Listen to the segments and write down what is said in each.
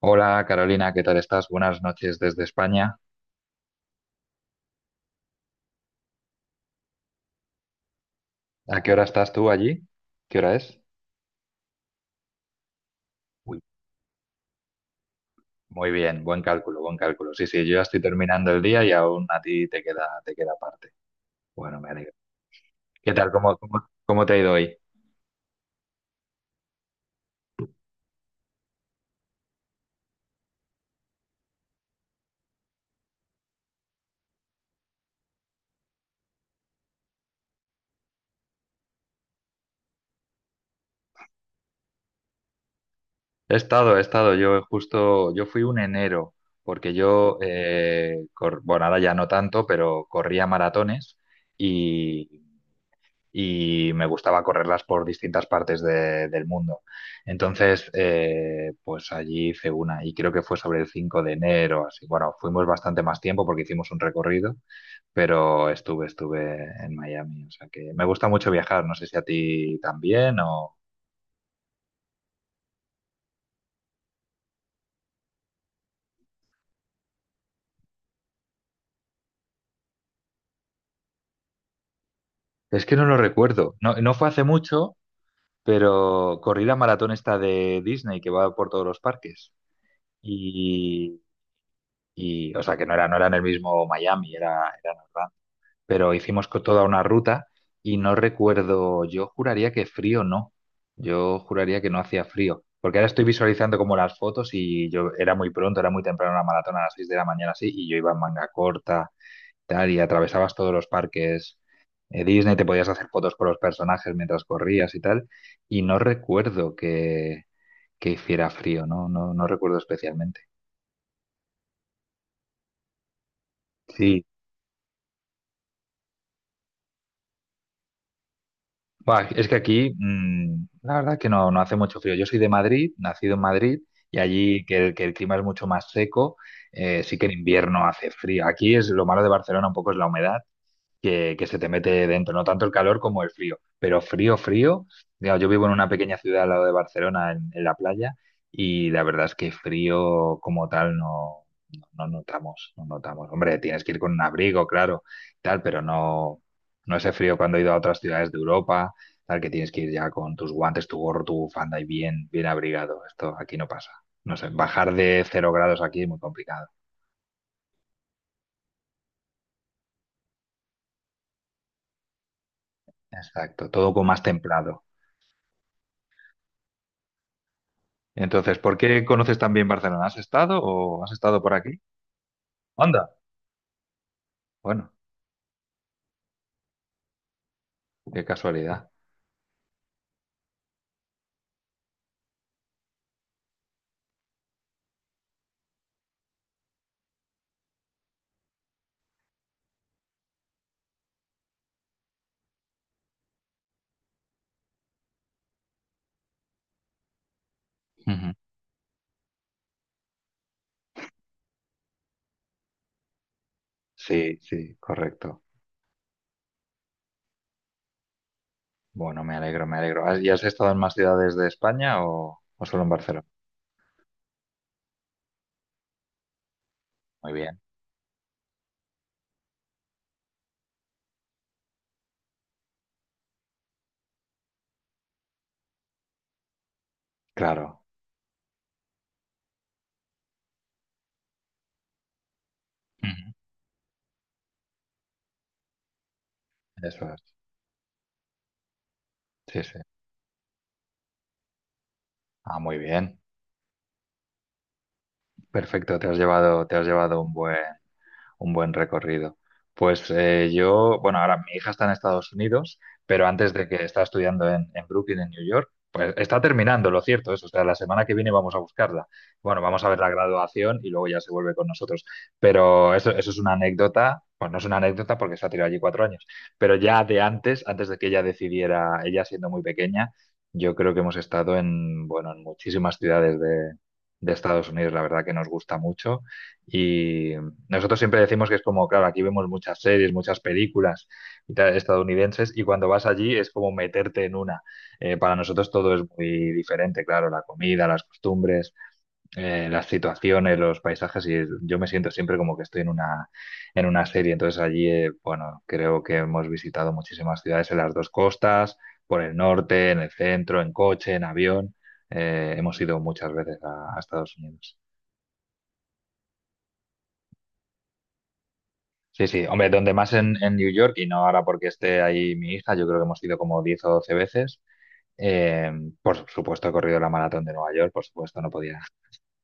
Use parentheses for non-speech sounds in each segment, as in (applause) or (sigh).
Hola Carolina, ¿qué tal estás? Buenas noches desde España. ¿A qué hora estás tú allí? ¿Qué hora es? Uy, muy bien, buen cálculo, buen cálculo. Sí, sí, yo ya estoy terminando el día y aún a ti te queda parte. Bueno, me alegro. ¿Qué tal? ¿Cómo te ha ido hoy? He estado, he estado. Yo fui un enero, porque bueno, ahora ya no tanto, pero corría maratones y. y me gustaba correrlas por distintas partes del mundo. Entonces, pues allí hice una y creo que fue sobre el 5 de enero, así. Bueno, fuimos bastante más tiempo porque hicimos un recorrido, pero estuve en Miami. O sea que me gusta mucho viajar, no sé si a ti también o. Es que no lo recuerdo. No, no fue hace mucho, pero corrí la maratón esta de Disney que va por todos los parques. Y, o sea, que no era en el mismo Miami, era en Orlando, pero hicimos toda una ruta y no recuerdo, yo juraría que frío no, yo juraría que no hacía frío, porque ahora estoy visualizando como las fotos y yo era muy pronto, era muy temprano la maratón a las 6 de la mañana así y yo iba en manga corta, tal, y atravesabas todos los parques, Disney, te podías hacer fotos con los personajes mientras corrías y tal, y no recuerdo que hiciera frío, no, no, no recuerdo especialmente. Sí, buah, es que aquí, la verdad que no, no hace mucho frío. Yo soy de Madrid, nacido en Madrid, y allí que el clima es mucho más seco, sí que en invierno hace frío. Aquí es lo malo de Barcelona, un poco es la humedad, que se te mete dentro, no tanto el calor como el frío, pero frío, frío, digamos, yo vivo en una pequeña ciudad al lado de Barcelona, en la playa, y la verdad es que frío como tal no, no, no notamos, no notamos. Hombre, tienes que ir con un abrigo, claro, tal, pero no, no ese frío cuando he ido a otras ciudades de Europa, tal, que tienes que ir ya con tus guantes, tu gorro, tu bufanda y bien, bien abrigado. Esto aquí no pasa. No sé, bajar de 0 grados aquí es muy complicado. Exacto, todo con más templado. Entonces, ¿por qué conoces tan bien Barcelona? ¿Has estado o has estado por aquí? Anda. Bueno, qué casualidad. Ujú. Sí, sí, correcto. Bueno, me alegro, me alegro. ¿Y has estado en más ciudades de España o solo en Barcelona? Muy bien. Claro, Ujú. Eso es. Sí, sí. Ah, muy bien. Perfecto, te has llevado un buen recorrido. Pues bueno, ahora mi hija está en Estados Unidos, pero antes de que está estudiando en Brooklyn, en New York, pues está terminando, lo cierto es, o sea, la semana que viene vamos a buscarla. Bueno, vamos a ver la graduación y luego ya se vuelve con nosotros. Pero eso es una anécdota, pues no es una anécdota porque se ha tirado allí 4 años, pero ya antes de que ella decidiera, ella siendo muy pequeña, yo creo que hemos estado bueno, en muchísimas ciudades de Estados Unidos, la verdad que nos gusta mucho. Nosotros siempre decimos que es como, claro, aquí vemos muchas series, muchas películas y tal, estadounidenses, y cuando vas allí es como meterte en una. Para nosotros todo es muy diferente, claro, la comida, las costumbres, las situaciones, los paisajes, y yo me siento siempre como que estoy en una, serie. Entonces allí, bueno, creo que hemos visitado muchísimas ciudades en las dos costas, por el norte, en el centro, en coche, en avión. Hemos ido muchas veces a Estados Unidos. Sí, sí, hombre, donde más en New York, y no ahora porque esté ahí mi hija, yo creo que hemos ido como 10 o 12 veces. Eh, por supuesto, he corrido la maratón de Nueva York, por supuesto, no podía,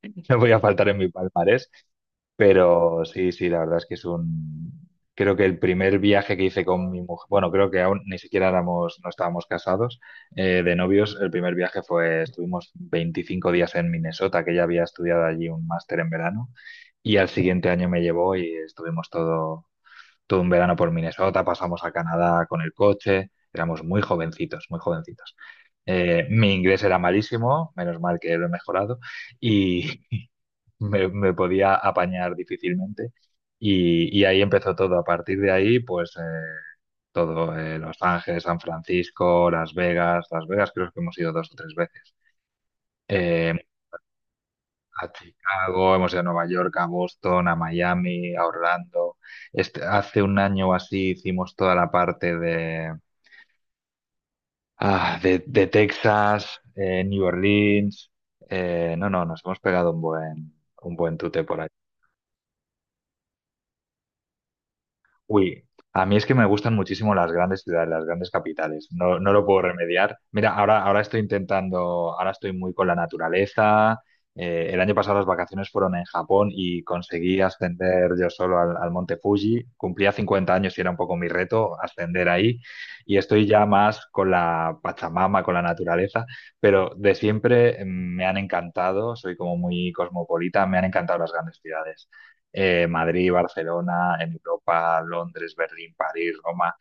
(laughs) no podía faltar en mi palmarés. Pero sí, sí, la verdad es que es un. Creo que el primer viaje que hice con mi mujer, bueno, creo que aún ni siquiera éramos, no estábamos casados, de novios, el primer viaje fue, estuvimos 25 días en Minnesota, que ella había estudiado allí un máster en verano, y al siguiente año me llevó y estuvimos todo un verano por Minnesota, pasamos a Canadá con el coche, éramos muy jovencitos, muy jovencitos. Mi inglés era malísimo, menos mal que lo he mejorado, y (laughs) me podía apañar difícilmente. Y, ahí empezó todo. A partir de ahí, pues todo, Los Ángeles, San Francisco, Las Vegas. Las Vegas creo que hemos ido 2 o 3 veces. Eh, a Chicago, hemos ido a Nueva York, a Boston, a Miami, a Orlando. Este, hace un año o así hicimos toda la parte de Texas, New Orleans. No, no, nos hemos pegado un buen tute por. Uy, a mí es que me gustan muchísimo las grandes ciudades, las grandes capitales. No, no lo puedo remediar. Mira, ahora, estoy intentando, ahora estoy muy con la naturaleza. El año pasado las vacaciones fueron en Japón y conseguí ascender yo solo al Monte Fuji. Cumplía 50 años y era un poco mi reto ascender ahí. Y estoy ya más con la Pachamama, con la naturaleza, pero de siempre me han encantado, soy como muy cosmopolita, me han encantado las grandes ciudades, Madrid, Barcelona, en Europa, Londres, Berlín, París, Roma.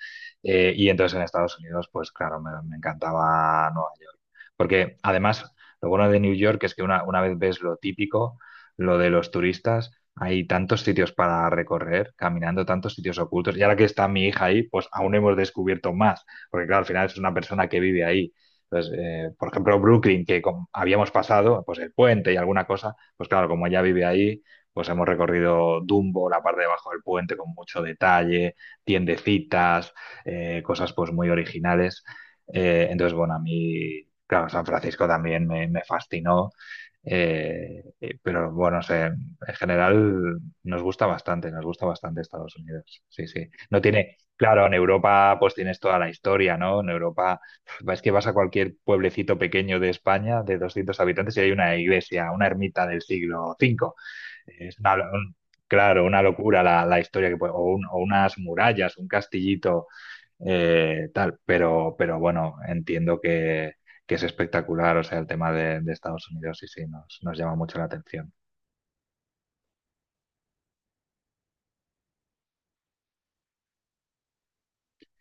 Y entonces en Estados Unidos, pues claro, me encantaba Nueva York. Porque además, lo bueno de New York es que una vez ves lo típico, lo de los turistas, hay tantos sitios para recorrer, caminando, tantos sitios ocultos. Y ahora que está mi hija ahí, pues aún hemos descubierto más. Porque claro, al final es una persona que vive ahí. Entonces, por ejemplo, Brooklyn, que habíamos pasado, pues el puente y alguna cosa, pues claro, como ella vive ahí, pues hemos recorrido Dumbo, la parte de abajo del puente con mucho detalle, tiendecitas, cosas pues muy originales. Entonces, bueno, a mí, claro, San Francisco también me fascinó, pero bueno, no sé, en general nos gusta bastante Estados Unidos. Sí, sí. No tiene, claro, en Europa pues tienes toda la historia, ¿no? En Europa es que vas a cualquier pueblecito pequeño de España de 200 habitantes y hay una iglesia, una ermita del siglo V. Es claro, una locura la historia que puede, o, o unas murallas, un castillito, tal, pero bueno, entiendo que es espectacular, o sea, el tema de Estados Unidos, sí, sí, nos llama mucho la atención.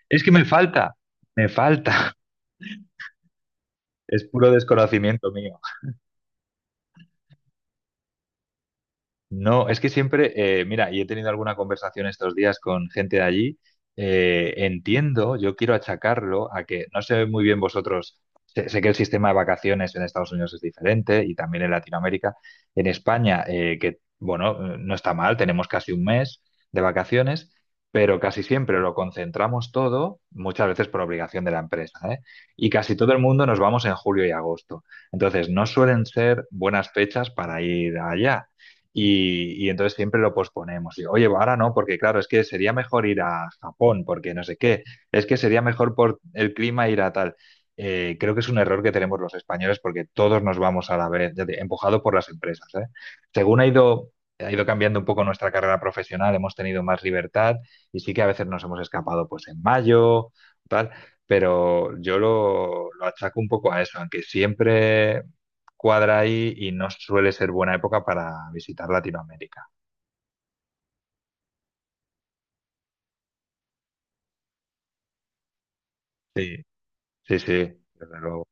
Es que me falta, (laughs) es puro desconocimiento mío. No, es que siempre, mira, y he tenido alguna conversación estos días con gente de allí, entiendo, yo quiero achacarlo a que, no sé muy bien vosotros, sé que el sistema de vacaciones en Estados Unidos es diferente y también en Latinoamérica, en España, que, bueno, no está mal, tenemos casi un mes de vacaciones, pero casi siempre lo concentramos todo, muchas veces por obligación de la empresa, ¿eh? Y casi todo el mundo nos vamos en julio y agosto. Entonces, no suelen ser buenas fechas para ir allá. Y entonces siempre lo posponemos. Y, oye, ahora no, porque claro, es que sería mejor ir a Japón, porque no sé qué. Es que sería mejor por el clima ir a tal. Creo que es un error que tenemos los españoles porque todos nos vamos a la vez, empujado por las empresas, ¿eh? Según ha ido cambiando un poco nuestra carrera profesional, hemos tenido más libertad y sí que a veces nos hemos escapado pues en mayo, tal, pero yo lo achaco un poco a eso, aunque siempre cuadra ahí y no suele ser buena época para visitar Latinoamérica. Sí, sí, sí, desde luego.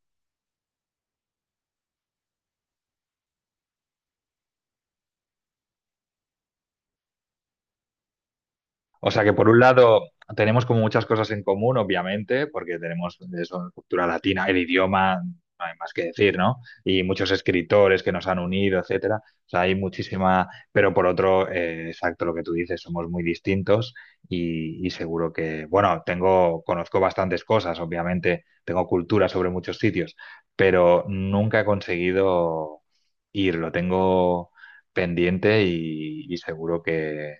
O sea que por un lado tenemos como muchas cosas en común, obviamente, porque tenemos eso, cultura latina, el idioma, no hay más que decir, ¿no? Y muchos escritores que nos han unido, etcétera. O sea, hay muchísima, pero por otro, exacto lo que tú dices, somos muy distintos, y seguro que, bueno, tengo, conozco bastantes cosas, obviamente, tengo cultura sobre muchos sitios, pero nunca he conseguido ir, lo tengo pendiente y seguro que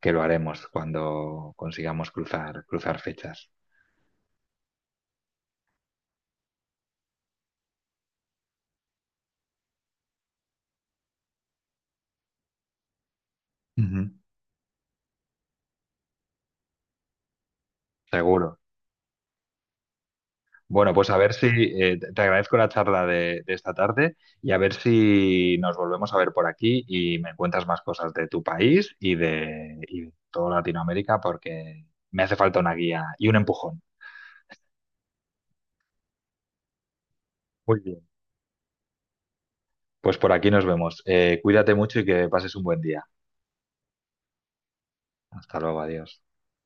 que lo haremos cuando consigamos cruzar fechas. Ujú. Seguro. Bueno, pues a ver si te agradezco la charla de esta tarde y a ver si nos volvemos a ver por aquí y me cuentas más cosas de tu país y de toda Latinoamérica porque me hace falta una guía y un empujón. Muy bien. Pues por aquí nos vemos. Cuídate mucho y que pases un buen día. Hasta luego, adiós.